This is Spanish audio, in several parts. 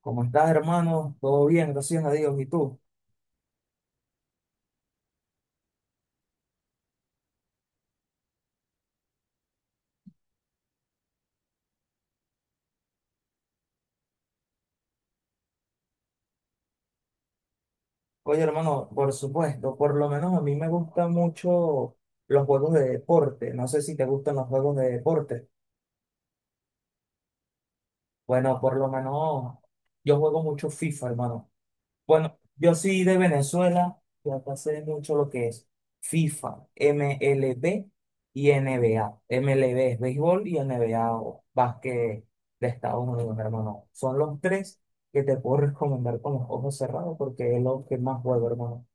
¿Cómo estás, hermano? Todo bien, gracias a Dios. ¿Y tú? Oye, hermano, por supuesto, por lo menos a mí me gustan mucho los juegos de deporte. No sé si te gustan los juegos de deporte. Bueno, por lo menos yo juego mucho FIFA, hermano. Bueno, yo soy de Venezuela y acá sé mucho lo que es FIFA, MLB y NBA. MLB es béisbol y NBA o básquet de Estados Unidos, hermano. Son los tres que te puedo recomendar con los ojos cerrados porque es lo que más juego, hermano.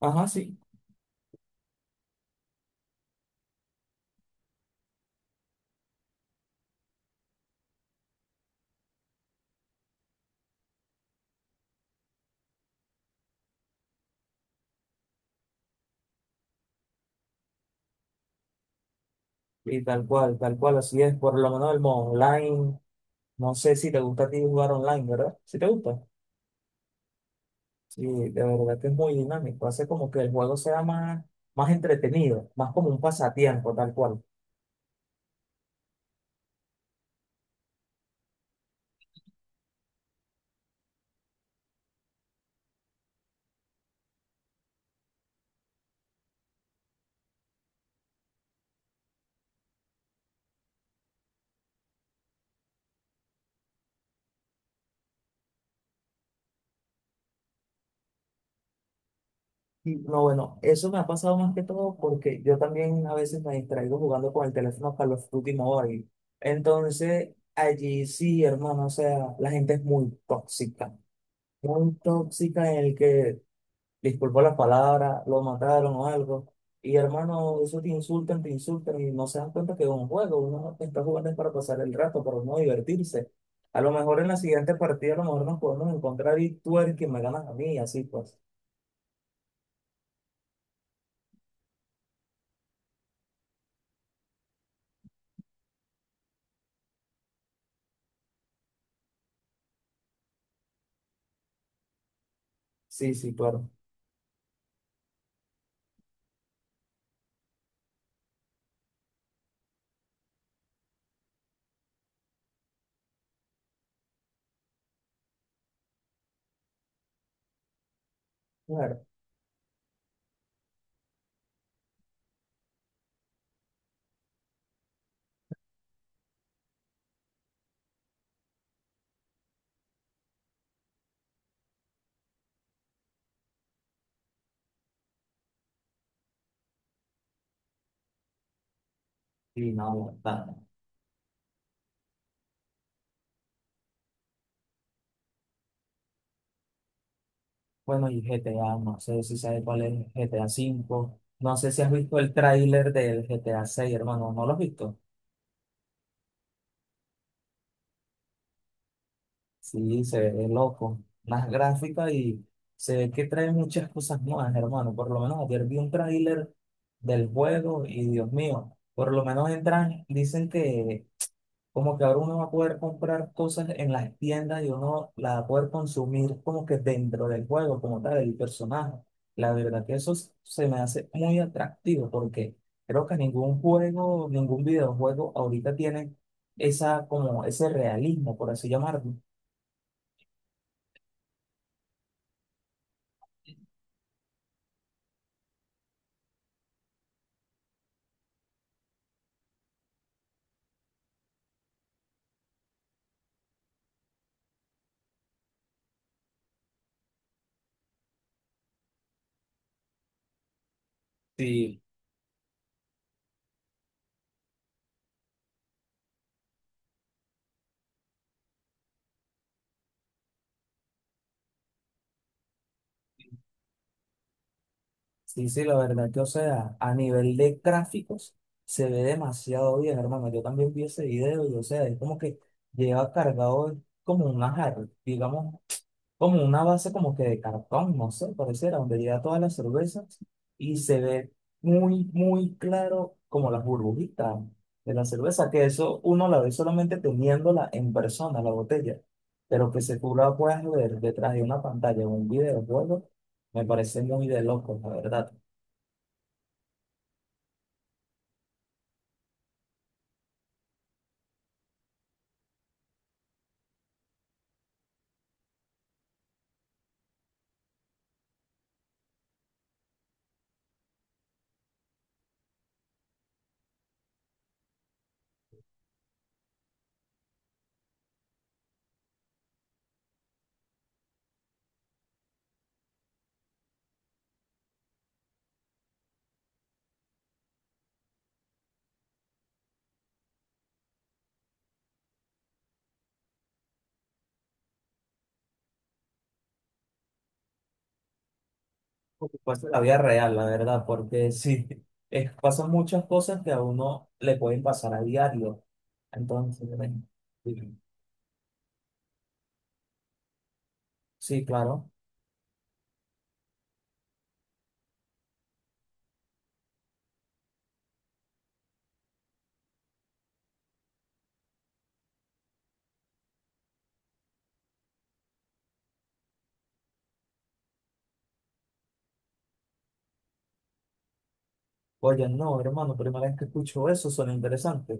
Ajá, sí. Y tal cual, así es. Por lo menos el modo online. No sé si te gusta a ti jugar online, ¿verdad? Si te gusta. Sí, de verdad que es muy dinámico, hace como que el juego sea más, más entretenido, más como un pasatiempo, tal cual. Y, no, bueno, eso me ha pasado más que todo porque yo también a veces me distraigo jugando con el teléfono Call of Duty Mobile. Entonces, allí sí, hermano, o sea, la gente es muy tóxica en el que disculpó las palabras, lo mataron o algo. Y hermano, eso te insultan y no se dan cuenta que es un juego. Uno está jugando es para pasar el rato, para no divertirse. A lo mejor en la siguiente partida, a lo mejor nos podemos encontrar y tú eres quien me ganas a mí, y así pues. Sí, sí, claro. Claro. Y no, está. Bueno, y GTA, no sé si sabes cuál es GTA V. No sé si has visto el tráiler del GTA 6, hermano. ¿No lo has visto? Sí, se ve loco. Las gráficas y se ve que trae muchas cosas nuevas, hermano. Por lo menos ayer vi un tráiler del juego y Dios mío, por lo menos entran, dicen que como que ahora uno va a poder comprar cosas en las tiendas y uno la va a poder consumir como que dentro del juego, como tal, el personaje. La verdad que eso se me hace muy atractivo porque creo que ningún juego, ningún videojuego ahorita tiene esa, como ese realismo, por así llamarlo. Sí, sí, la verdad que, o sea, a nivel de gráficos se ve demasiado bien, hermano. Yo también vi ese video y, o sea, es como que lleva cargado como una jarra, digamos, como una base como que de cartón, no sé, pareciera, donde lleva todas las cervezas y se ve muy, muy claro como las burbujitas de la cerveza, que eso uno la ve solamente teniéndola en persona, la botella, pero que se tú la puedas ver detrás de una pantalla o un videojuego, me parece muy de loco, la verdad. Por supuesto, la vida real, la verdad, porque sí, pasan muchas cosas que a uno le pueden pasar a diario. Entonces, bueno, sí, sí, claro. Oye, no, hermano, primera vez que escucho eso, suena interesante.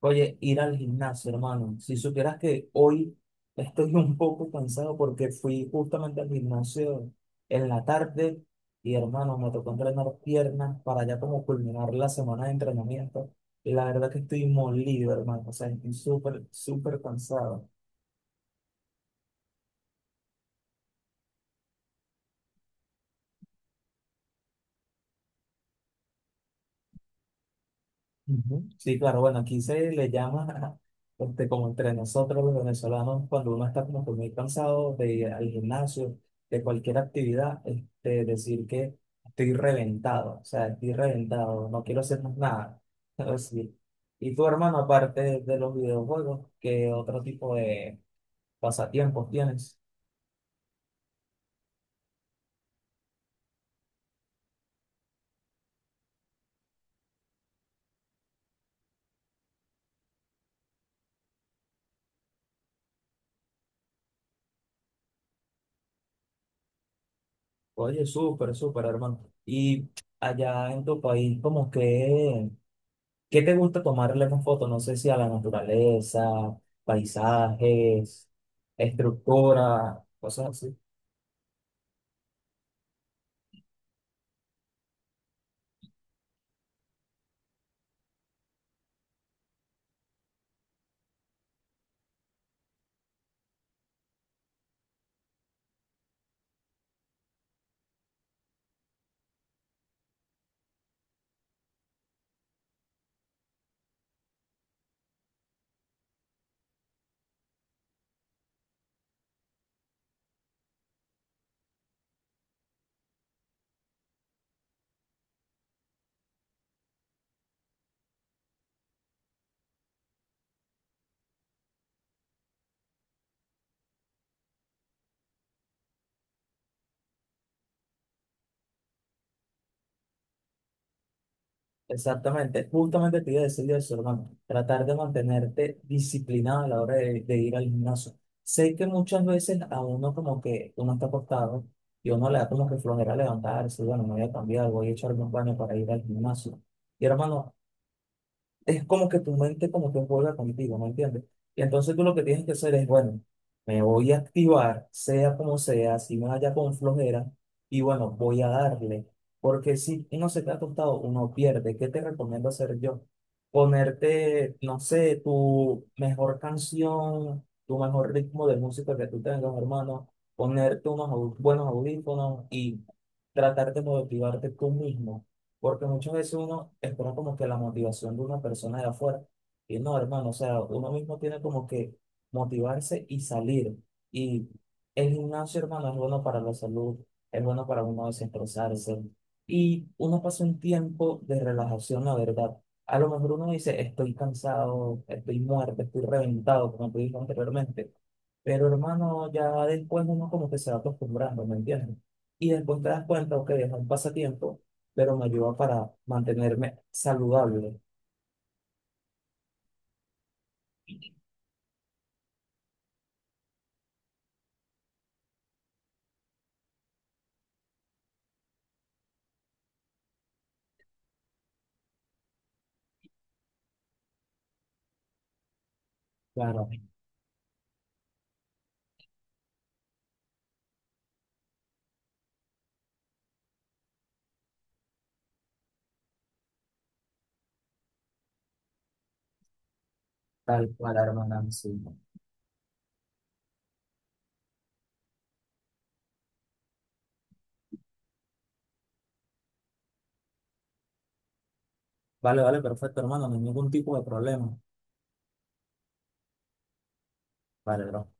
Oye, ir al gimnasio, hermano. Si supieras que hoy estoy un poco cansado porque fui justamente al gimnasio en la tarde y, hermano, me tocó entrenar piernas para ya como culminar la semana de entrenamiento. Y la verdad que estoy molido, hermano. O sea, estoy súper, súper cansado. Ujú. Sí, claro, bueno, aquí se le llama, este, como entre nosotros los venezolanos, cuando uno está como que muy cansado de ir al gimnasio, de cualquier actividad, este, decir que estoy reventado, o sea, estoy reventado, no quiero hacer más nada. Pero sí. Y tu hermano, aparte de los videojuegos, ¿qué otro tipo de pasatiempos tienes? Oye, súper, súper, hermano. Y allá en tu país, como que... ¿Qué te gusta tomarle más fotos? No sé si a la naturaleza, paisajes, estructura, cosas así. Exactamente, justamente te iba a decir eso, hermano. Tratar de mantenerte disciplinado a la hora de ir al gimnasio. Sé que muchas veces a uno como que uno está acostado y uno le da como que flojera levantarse, bueno, me voy a cambiar, voy a echarme un baño para ir al gimnasio. Y hermano, es como que tu mente como que juega contigo, ¿me entiendes? Y entonces tú lo que tienes que hacer es, bueno, me voy a activar, sea como sea, si me vaya con flojera, y bueno, voy a darle. Porque si uno se queda acostado, uno pierde. ¿Qué te recomiendo hacer yo? Ponerte, no sé, tu mejor canción, tu mejor ritmo de música que tú tengas, hermano. Ponerte unos buenos audífonos y tratar de motivarte tú mismo porque muchas veces uno espera como que la motivación de una persona de afuera. Y no, hermano, o sea, uno mismo tiene como que motivarse y salir. Y el gimnasio, hermano, es bueno para la salud, es bueno para uno desestresarse. Y uno pasa un tiempo de relajación, la verdad. A lo mejor uno dice, estoy cansado, estoy muerto, estoy reventado, como te dije anteriormente. Pero hermano, ya después uno como que se va acostumbrando, ¿me entiendes? Y después te das cuenta, ok, es un pasatiempo pero me ayuda para mantenerme saludable. Claro, tal cual, hermano. Sí. Vale, vale, perfecto, hermano, no hay ningún tipo de problema. Vale, bro.